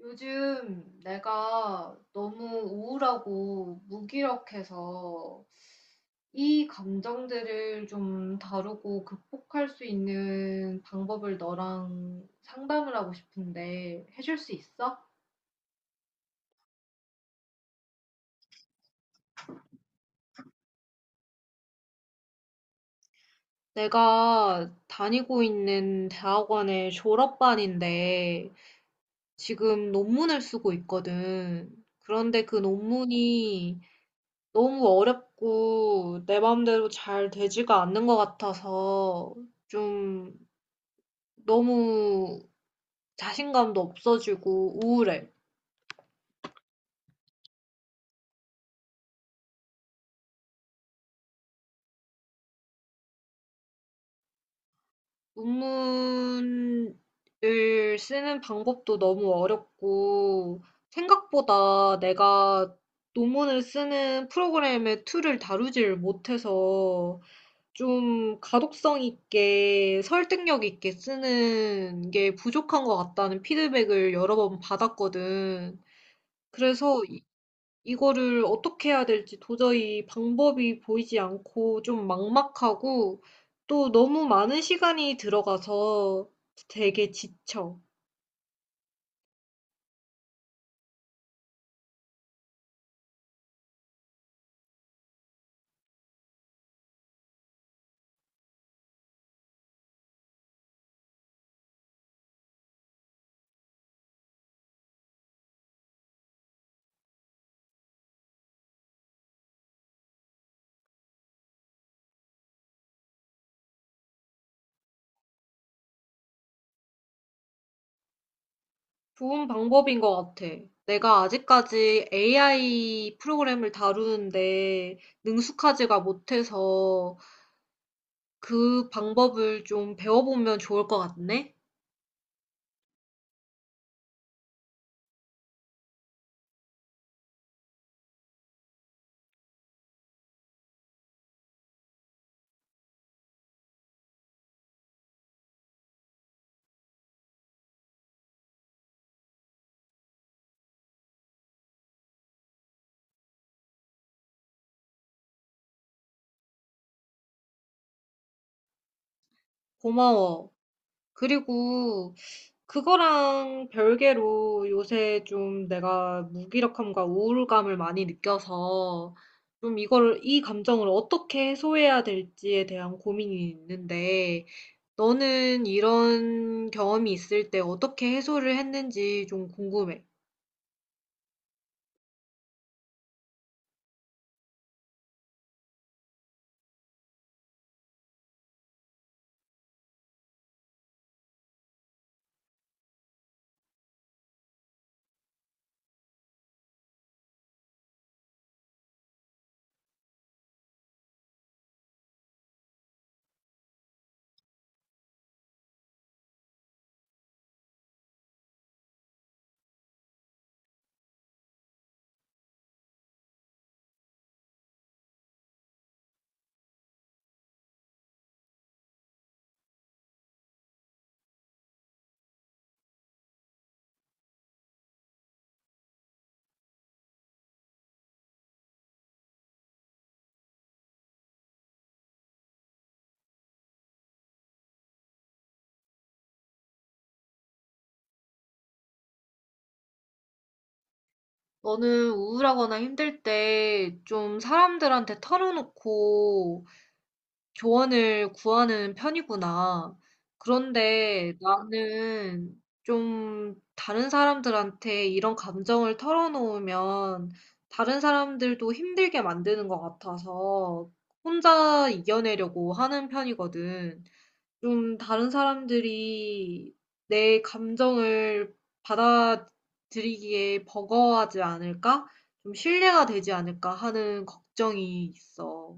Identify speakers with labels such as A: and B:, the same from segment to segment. A: 요즘 내가 너무 우울하고 무기력해서 이 감정들을 좀 다루고 극복할 수 있는 방법을 너랑 상담을 하고 싶은데 해줄 수 있어? 내가 다니고 있는 대학원의 졸업반인데 지금 논문을 쓰고 있거든. 그런데 논문이 너무 어렵고 내 마음대로 잘 되지가 않는 것 같아서 좀 너무 자신감도 없어지고 우울해. 논문을 쓰는 방법도 너무 어렵고 생각보다 내가 논문을 쓰는 프로그램의 툴을 다루질 못해서 좀 가독성 있게 설득력 있게 쓰는 게 부족한 것 같다는 피드백을 여러 번 받았거든. 그래서 이, 이거를 어떻게 해야 될지 도저히 방법이 보이지 않고 좀 막막하고 또 너무 많은 시간이 들어가서 되게 지쳐. 좋은 방법인 것 같아. 내가 아직까지 AI 프로그램을 다루는데 능숙하지가 못해서 그 방법을 좀 배워보면 좋을 것 같네? 고마워. 그리고 그거랑 별개로 요새 좀 내가 무기력함과 우울감을 많이 느껴서 좀 이걸 이 감정을 어떻게 해소해야 될지에 대한 고민이 있는데, 너는 이런 경험이 있을 때 어떻게 해소를 했는지 좀 궁금해. 너는 우울하거나 힘들 때 좀 사람들한테 털어놓고 조언을 구하는 편이구나. 그런데 나는 좀 다른 사람들한테 이런 감정을 털어놓으면 다른 사람들도 힘들게 만드는 것 같아서 혼자 이겨내려고 하는 편이거든. 좀 다른 사람들이 내 감정을 받아들이기에 버거워하지 않을까? 좀 신뢰가 되지 않을까 하는 걱정이 있어.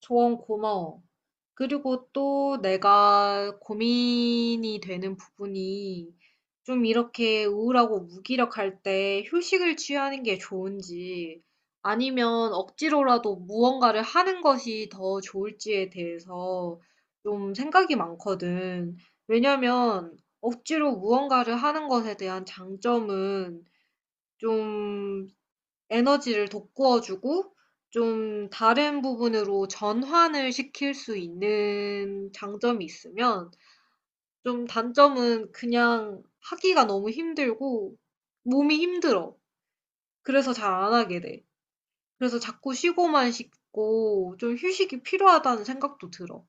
A: 조언 고마워. 그리고 또 내가 고민이 되는 부분이 좀 이렇게 우울하고 무기력할 때 휴식을 취하는 게 좋은지 아니면 억지로라도 무언가를 하는 것이 더 좋을지에 대해서 좀 생각이 많거든. 왜냐면 억지로 무언가를 하는 것에 대한 장점은 좀 에너지를 돋구어 주고 좀 다른 부분으로 전환을 시킬 수 있는 장점이 있으면 좀 단점은 그냥 하기가 너무 힘들고 몸이 힘들어. 그래서 잘 안 하게 돼. 그래서 자꾸 쉬고만 싶고 좀 휴식이 필요하다는 생각도 들어.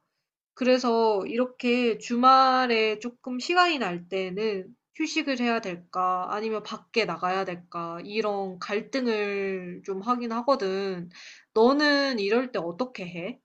A: 그래서 이렇게 주말에 조금 시간이 날 때는 '휴식을 해야 될까? 아니면 밖에 나가야 될까?' 이런 갈등을 좀 하긴 하거든. 너는 이럴 때 어떻게 해?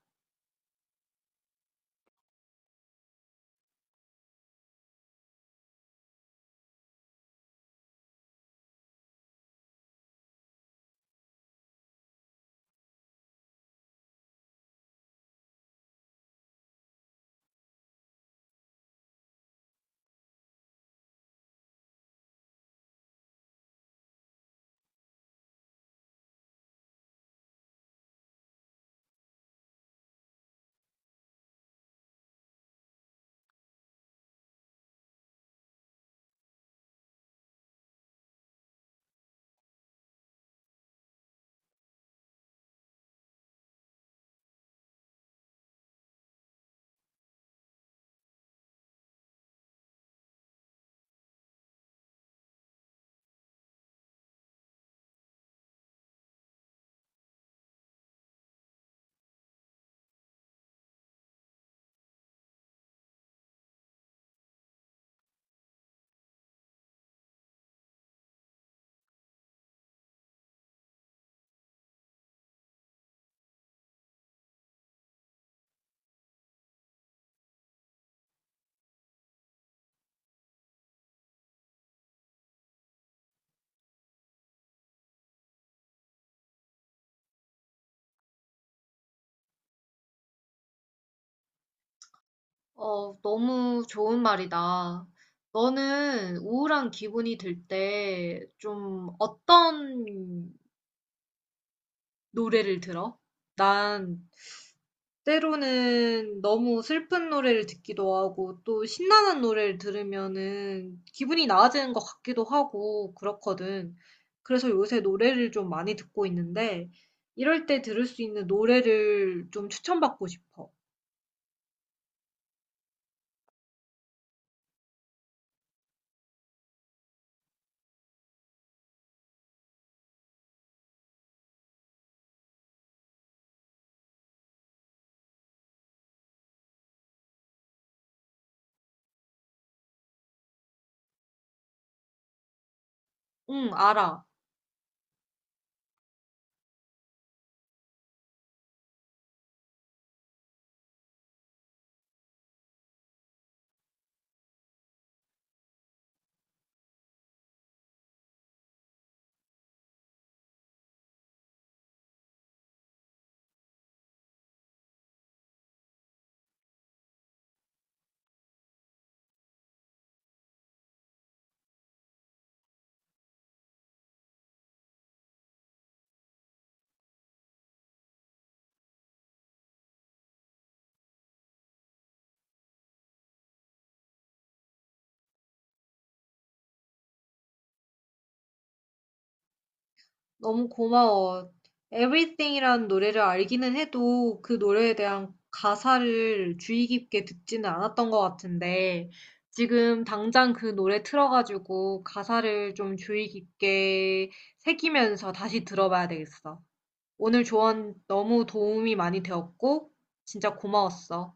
A: 너무 좋은 말이다. 너는 우울한 기분이 들 때 좀 어떤 노래를 들어? 난 때로는 너무 슬픈 노래를 듣기도 하고 또 신나는 노래를 들으면은 기분이 나아지는 것 같기도 하고 그렇거든. 그래서 요새 노래를 좀 많이 듣고 있는데 이럴 때 들을 수 있는 노래를 좀 추천받고 싶어. 응, 알아. 너무 고마워. Everything이라는 노래를 알기는 해도 그 노래에 대한 가사를 주의 깊게 듣지는 않았던 것 같은데 지금 당장 그 노래 틀어가지고 가사를 좀 주의 깊게 새기면서 다시 들어봐야 되겠어. 오늘 조언 너무 도움이 많이 되었고 진짜 고마웠어.